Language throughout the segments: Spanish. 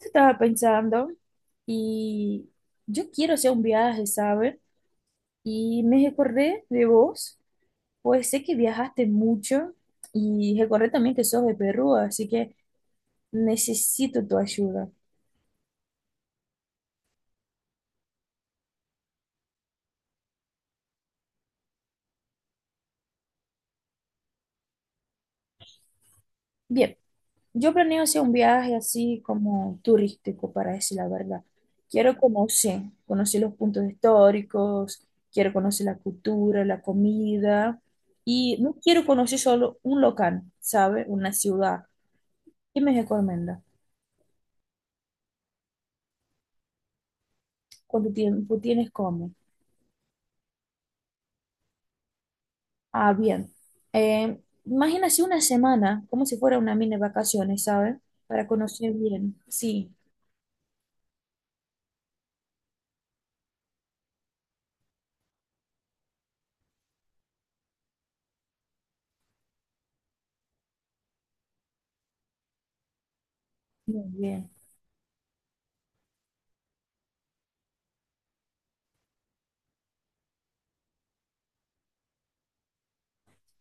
Estaba pensando y yo quiero hacer un viaje, ¿sabes? Y me recordé de vos, pues sé que viajaste mucho y recordé también que sos de Perú, así que necesito tu ayuda. Bien, yo planeo hacer un viaje así como turístico, para decir la verdad. Quiero conocer los puntos históricos, quiero conocer la cultura, la comida y no quiero conocer solo un local, sabe, una ciudad. Dime, qué Cormenda, ¿cuánto tiempo tienes como? Ah, bien. Eh, Imagínase una semana, como si fuera una mini vacaciones, ¿sabes? Para conocer bien. Sí, muy bien.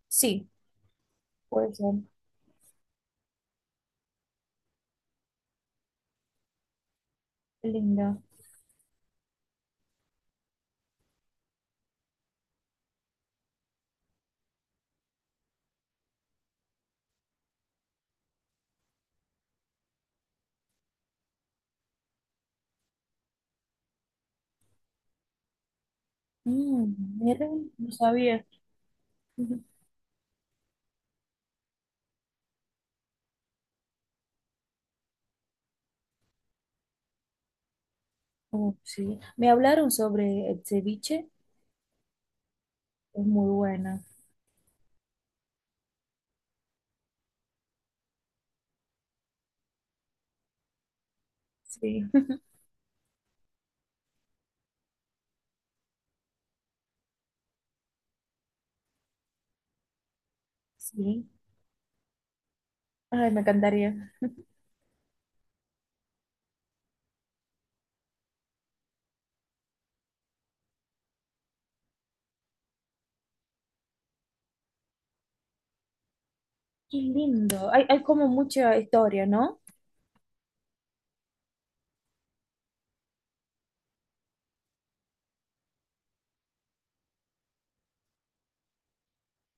Sí, puede ser. Qué linda. Mm, mira, no sabía. Ujú. Oh, sí. Me hablaron sobre el ceviche, es muy buena. Sí, sí. Ay, me encantaría. Qué lindo. Hay como mucha historia, ¿no?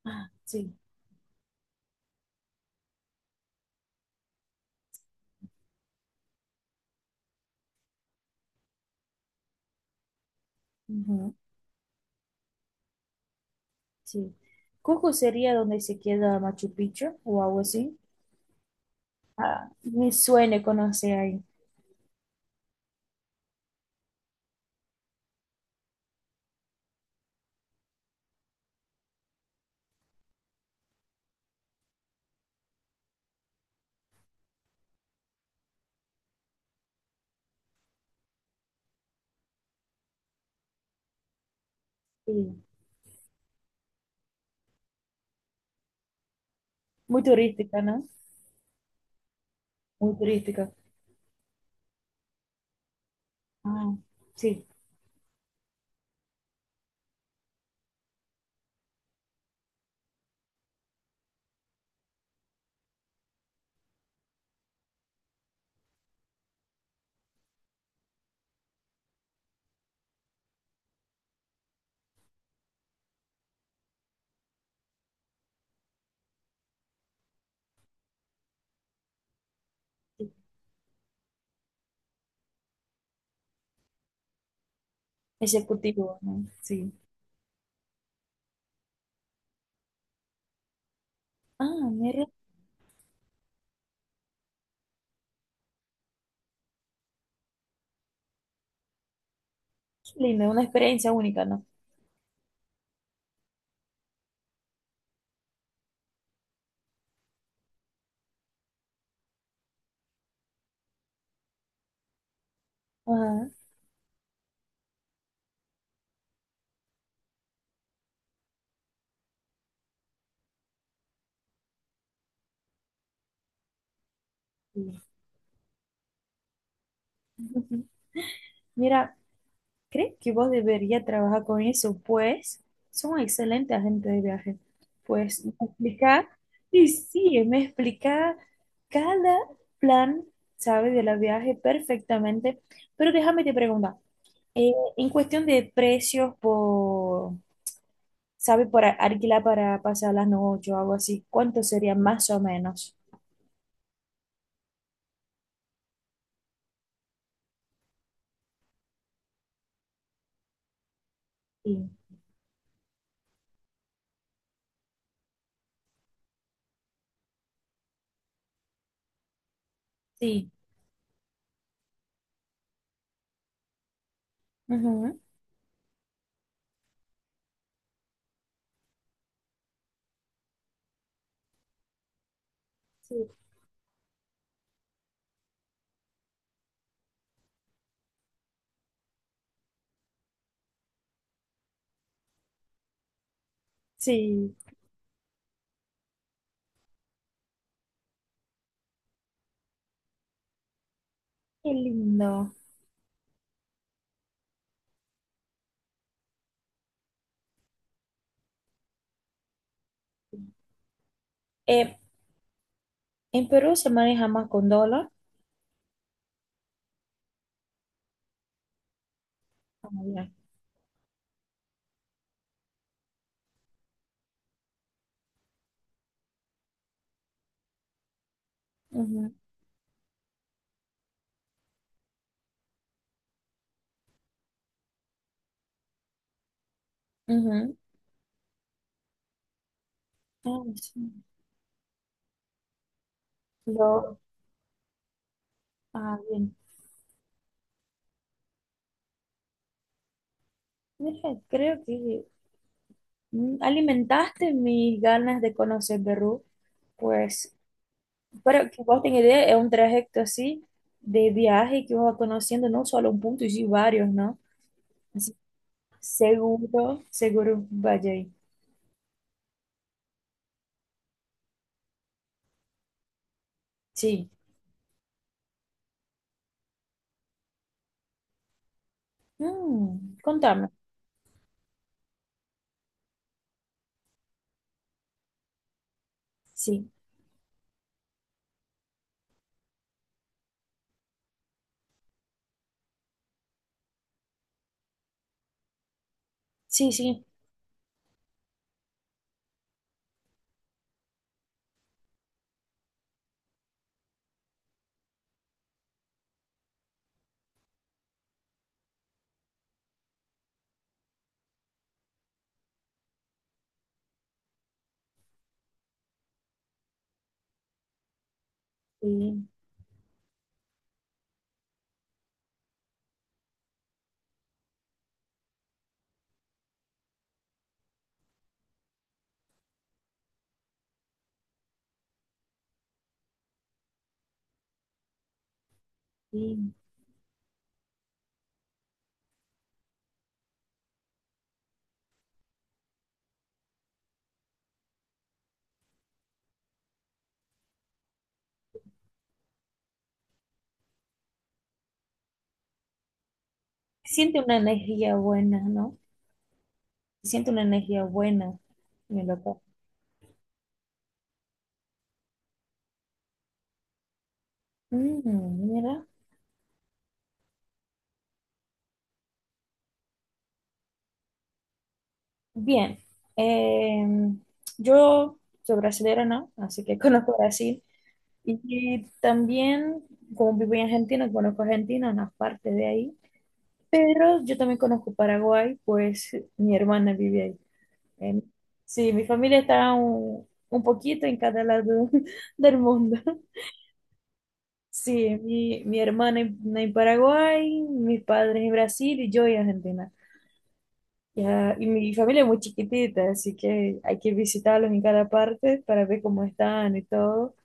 Ah, sí. Sí. Cusco sería donde se queda Machu Picchu o algo así. Ah, me suena conocer ahí. Sí. Muy turística, ¿no? Muy turística. Ah, sí. Sí. Ejecutivo, ¿no? Sí. Ah, mira, qué lindo, una experiencia única, ¿no? Ajá. Sí. Mira, ¿crees que vos deberías trabajar con eso? Pues son excelentes agentes de viaje. Pues me explica, y sí, me explica cada plan, ¿sabes? De la viaje perfectamente. Pero déjame te preguntar, eh, en cuestión de precios por, ¿sabes? Por alquilar para pasar las noches o algo así, ¿cuánto sería más o menos? Sí, sí. Ujú, sí, sí. Qué lindo. Eh, en Perú se maneja más con dólar. Ah, ya. Ujú, ujú. Ah, sí. Lo, ah, bien. Mira, creo que mm, alimentaste mis ganas de conocer Perú, pues, para que vos tengas idea, es un trayecto así de viaje que vos vas conociendo no solo un punto, y sí varios, ¿no? Así, seguro, seguro vaya ahí. Sí. Mm, contame. Sí, sí, sí, sí, sí. Siente una energía buena, ¿no? Siente una energía buena, mi loco. Mm, mira. Bien, eh, yo soy brasileña, ¿no? Así que conozco Brasil. Y también, como vivo en Argentina, conozco Argentina, una parte de ahí. Pero yo también conozco Paraguay, pues mi hermana vive ahí. Eh, sí, mi familia está un poquito en cada lado del mundo. Sí, mi hermana en Paraguay, mis padres en Brasil y yo en Argentina. Ya, y mi familia es muy chiquitita, así que hay que visitarlos en cada parte para ver cómo están y todo.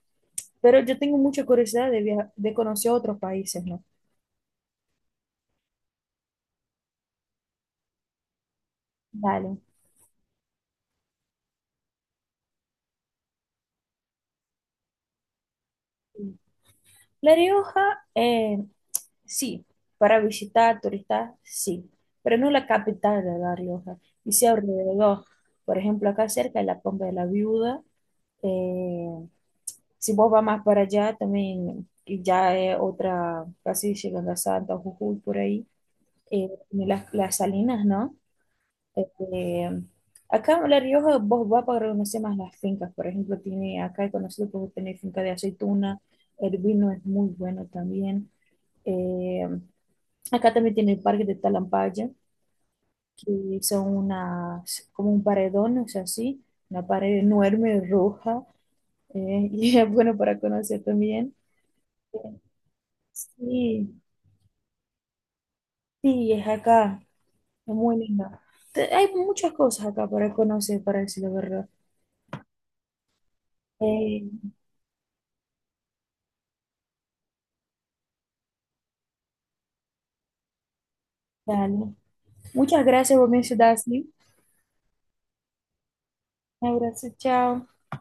Pero yo tengo mucha curiosidad de, de conocer otros países, ¿no? Vale. La Rioja, sí, para visitar turistas, sí, pero no la capital de La Rioja, y sí alrededor. Por ejemplo, acá cerca de la Pompa de la Viuda. eh, si vos vas más para allá, también que ya es otra, casi llegando a Santa, Jujuy, por ahí tiene las salinas, ¿no? Este, acá en La Rioja vos vas para conocer más las fincas, por ejemplo, tiene, acá he conocido que tiene finca de aceituna, el vino es muy bueno también. Eh, acá también tiene el parque de Talampaya, que son unas, como un paredón, o sea, así, una pared enorme, roja, y es bueno para conocer también. Sí, sí, es acá, es muy linda. Te- Hay muchas cosas acá para conocer, para decir la verdad. Eh, dale. Muchas gracias por mencionar, ¿sí? Un abrazo, chao.